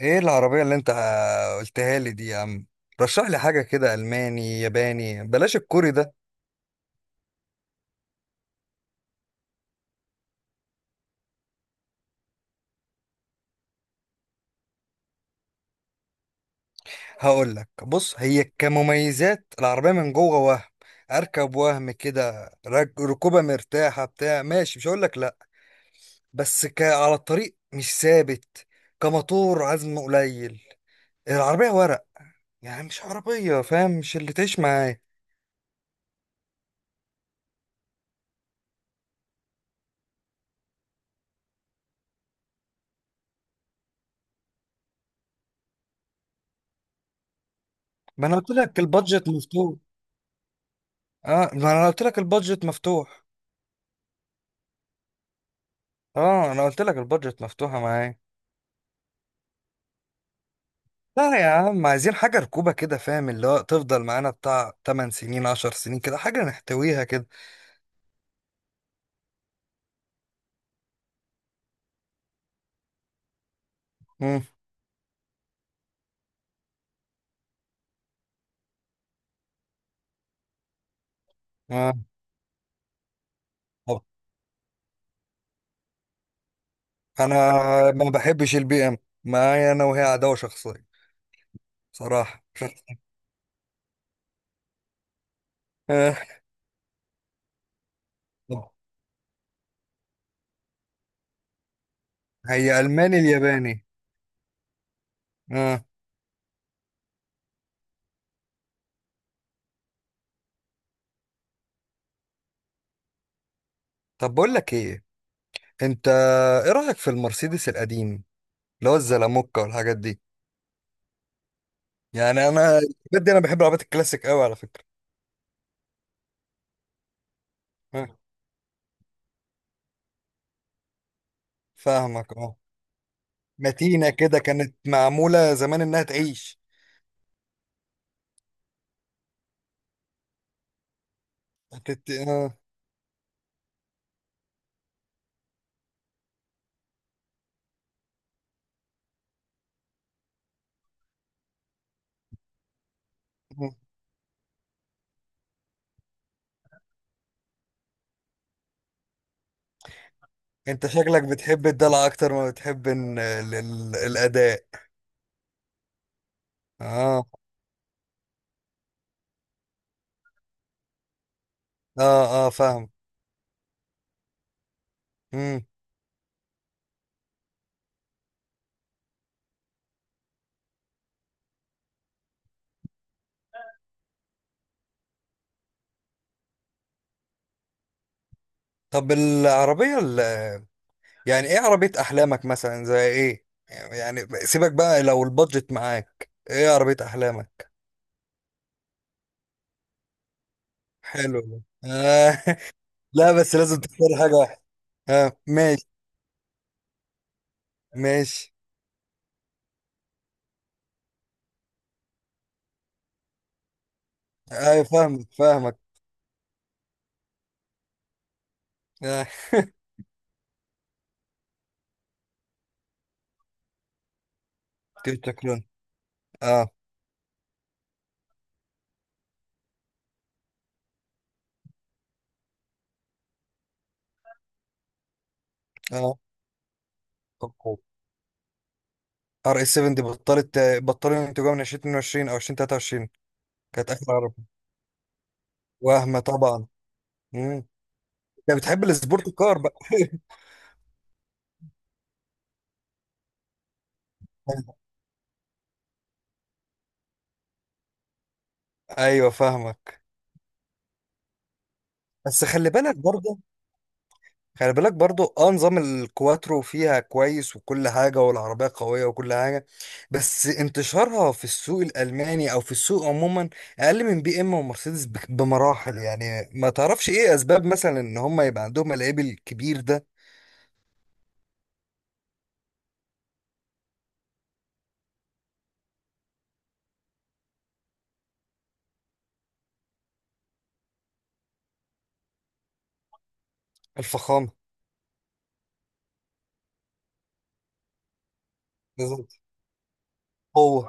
ايه العربية اللي انت قلتها لي دي يا عم؟ رشح لي حاجة كده، ألماني ياباني، بلاش الكوري ده. هقول لك، بص، هي كمميزات العربية من جوه وهم أركب وهم كده، ركوبة مرتاحة بتاع ماشي، مش هقول لك لأ. بس على الطريق مش ثابت، كموتور عزم قليل، العربية ورق، يعني مش عربية فاهم، مش اللي تعيش معاه. ما أنا قلت لك البادجت مفتوح، اه ما أنا قلت لك البادجت مفتوح، اه أنا قلت لك البادجت مفتوحة معايا. لا يا عم، عايزين حاجة ركوبة كده فاهم، اللي هو تفضل معانا بتاع 8 سنين 10 سنين كده، حاجة نحتويها كده. امم آه. طب انا ما بحبش البي ام، معايا انا وهي عداوة شخصية صراحة شخص. آه. طب هي الماني الياباني؟ آه. طب بقول لك ايه، انت ايه رأيك في المرسيدس القديم اللي هو الزلاموكا والحاجات دي؟ يعني انا بجد انا بحب العربيات الكلاسيك قوي على فكرة. آه. فاهمك اه، متينة كده كانت معمولة زمان انها تعيش. آه. مم. انت شكلك بتحب الدلع اكتر ما بتحب الاداء؟ اه اه اه فاهم. مم. طب العربية يعني ايه عربية احلامك مثلا زي ايه يعني؟ سيبك بقى، لو البادجت معاك ايه عربية احلامك؟ حلو ده. آه. لا بس لازم تختار حاجة واحدة. آه. ماشي. ماشي. ايوه فاهمك اه. تويوتا، شكرا. اه اه، ار اس 7 دي بطلت، بطلت انتجها من 2022 او 2023. كانت اخر. وهمة طبعا. مم. انت بتحب السبورت كار بقى؟ ايوه فاهمك. بس خلي بالك برضه. خلي بالك برضه، اه، نظام الكواترو فيها كويس، وكل حاجه والعربيه قويه وكل حاجه. بس انتشارها في السوق الالماني او في السوق عموما اقل من بي ام ومرسيدس بمراحل. يعني ما تعرفش ايه اسباب مثلا ان هم يبقى عندهم العيب الكبير ده؟ الفخامه. بالظبط. هو.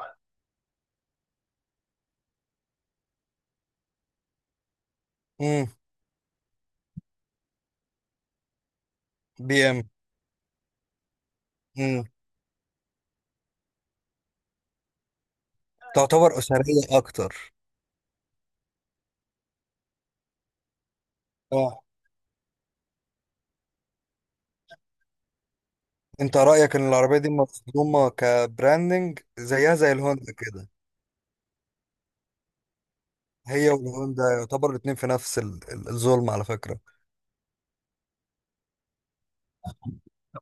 امم بي ام. امم تعتبر اسريه اكتر. آه. انت رأيك ان العربية دي مصدومة كبراندنج زيها زي الهوندا كده؟ هي والهوندا يعتبر الاتنين في نفس الظلم، على فكرة.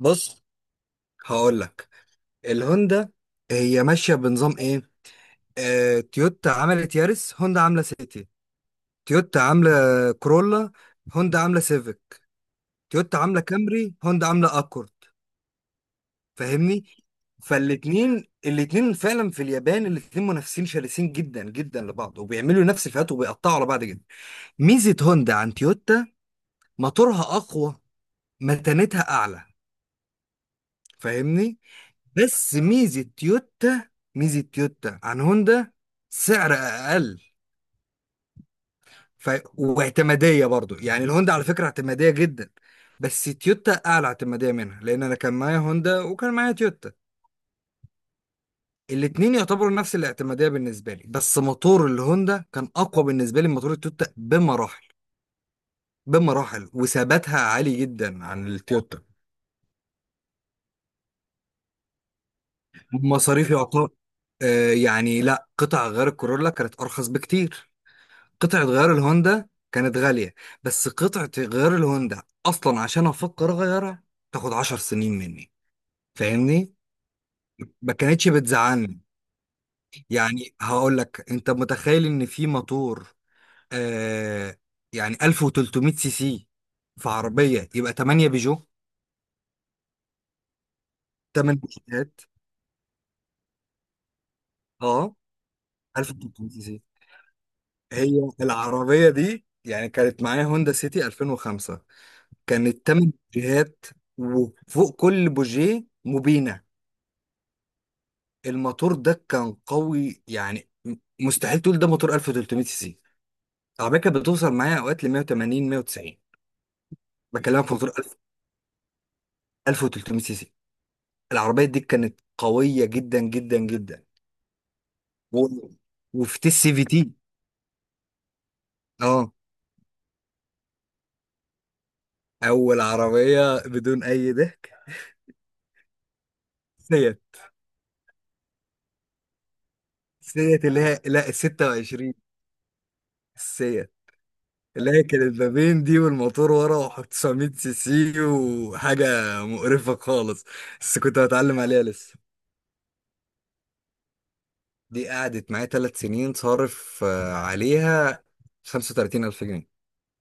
بص هقول لك، الهوندا هي ماشيه بنظام ايه؟ آه، تويوتا عملت يارس، هوندا عامله سيتي، تويوتا عامله كرولا، هوندا عامله سيفيك، تويوتا عامله كامري، هوندا عامله اكورد. فاهمني؟ فالاتنين الاتنين فعلا في اليابان الاتنين منافسين شرسين جدا جدا لبعض، وبيعملوا نفس الفئات وبيقطعوا على بعض جدا. ميزة هوندا عن تويوتا، موتورها أقوى، متانتها أعلى، فاهمني؟ بس ميزة تويوتا، ميزة تويوتا عن هوندا، سعر أقل. واعتمادية برضو، يعني الهوندا على فكرة اعتمادية جدا، بس تويوتا أعلى اعتمادية منها، لأن أنا كان معايا هوندا وكان معايا تويوتا. الاتنين يعتبروا نفس الاعتمادية بالنسبة لي، بس موتور الهوندا كان أقوى بالنسبة لي من موتور التويوتا بمراحل. بمراحل، وثباتها عالي جدا عن التويوتا. بمصاريف يعتبر آه، يعني لا، قطع غيار الكورولا كانت ارخص بكتير. قطعة غيار الهوندا كانت غالية، بس قطعة غيار الهوندا اصلا عشان افكر اغيرها تاخد عشر سنين مني، فاهمني؟ ما كانتش بتزعلني. يعني هقول لك، انت متخيل ان في موتور، آه، يعني 1300 سي سي في عربية يبقى 8 بيجو، 8 بيجوهات. اه، 1300 سي سي هي العربية دي، يعني كانت معايا هوندا سيتي 2005، كانت تمن بوجيهات وفوق كل بوجيه مبينة. الموتور ده كان قوي، يعني مستحيل تقول ده موتور 1300 سي سي. العربية كانت بتوصل معايا اوقات ل 180 190، بكلمك في موتور 1000، 1300 سي سي. العربية دي كانت قوية جدا جدا جدا. و... وفي تي سي في تي. اه، اول عربية بدون اي ضحك، سيت، سيت اللي هي لا، ال 26، السيت، لكن البابين دي والموتور ورا وحط 900 سي سي وحاجة مقرفة خالص، بس كنت هتعلم عليها لسه. دي قعدت معايا ثلاث سنين، صارف آه، عليها 35 ألف جنيه.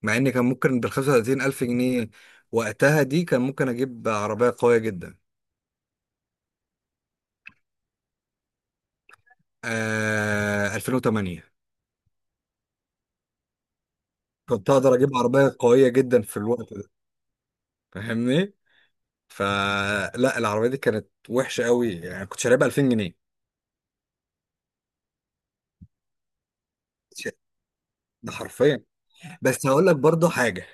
مع إن كان ممكن بال 35 ألف جنيه وقتها، دي كان ممكن أجيب عربية قوية جدا. آه، 2008. كنت أقدر أجيب عربية قوية جدا في الوقت ده، فاهمني؟ فلا العربية دي كانت وحشة قوي يعني، كنت شاريها ب 2000 جنيه، ده حرفيا. بس هقول لك برضه حاجة،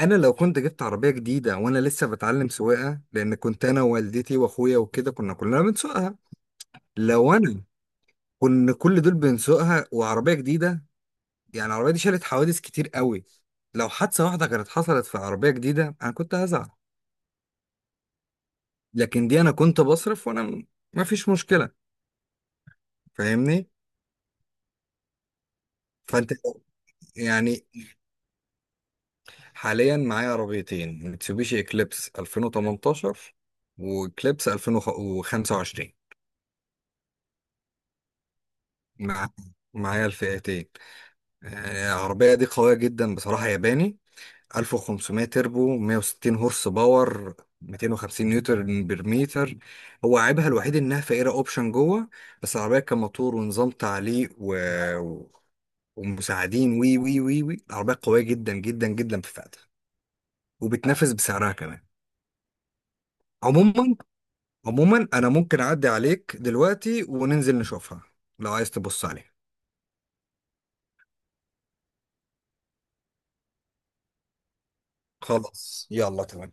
أنا لو كنت جبت عربية جديدة وأنا لسه بتعلم سواقة، لأن كنت أنا ووالدتي وأخويا وكده كنا كلنا بنسوقها، لو أنا كنا كل دول بنسوقها وعربية جديدة، يعني العربية دي شالت حوادث كتير قوي، لو حادثة واحدة كانت حصلت في عربية جديدة أنا كنت هزعل، لكن دي أنا كنت بصرف وأنا مفيش مشكلة، فاهمني؟ فأنت. يعني حاليا معايا عربيتين، ميتسوبيشي إكليبس 2018 وإكليبس 2025. مع معايا الفئتين. آه، العربية دي قوية جدا بصراحة، ياباني، 1500 تربو، 160 هورس باور، 250 نيوتن بير متر. هو عيبها الوحيد انها فقيرة اوبشن جوه، بس العربية كموتور ونظام تعليق و- ومساعدين وي وي وي وي، العربية قوية جدا جدا جدا في فئتها، وبتنافس بسعرها كمان. عموما، عموما انا ممكن اعدي عليك دلوقتي وننزل نشوفها لو عايز تبص عليها. خلاص يلا، تمام.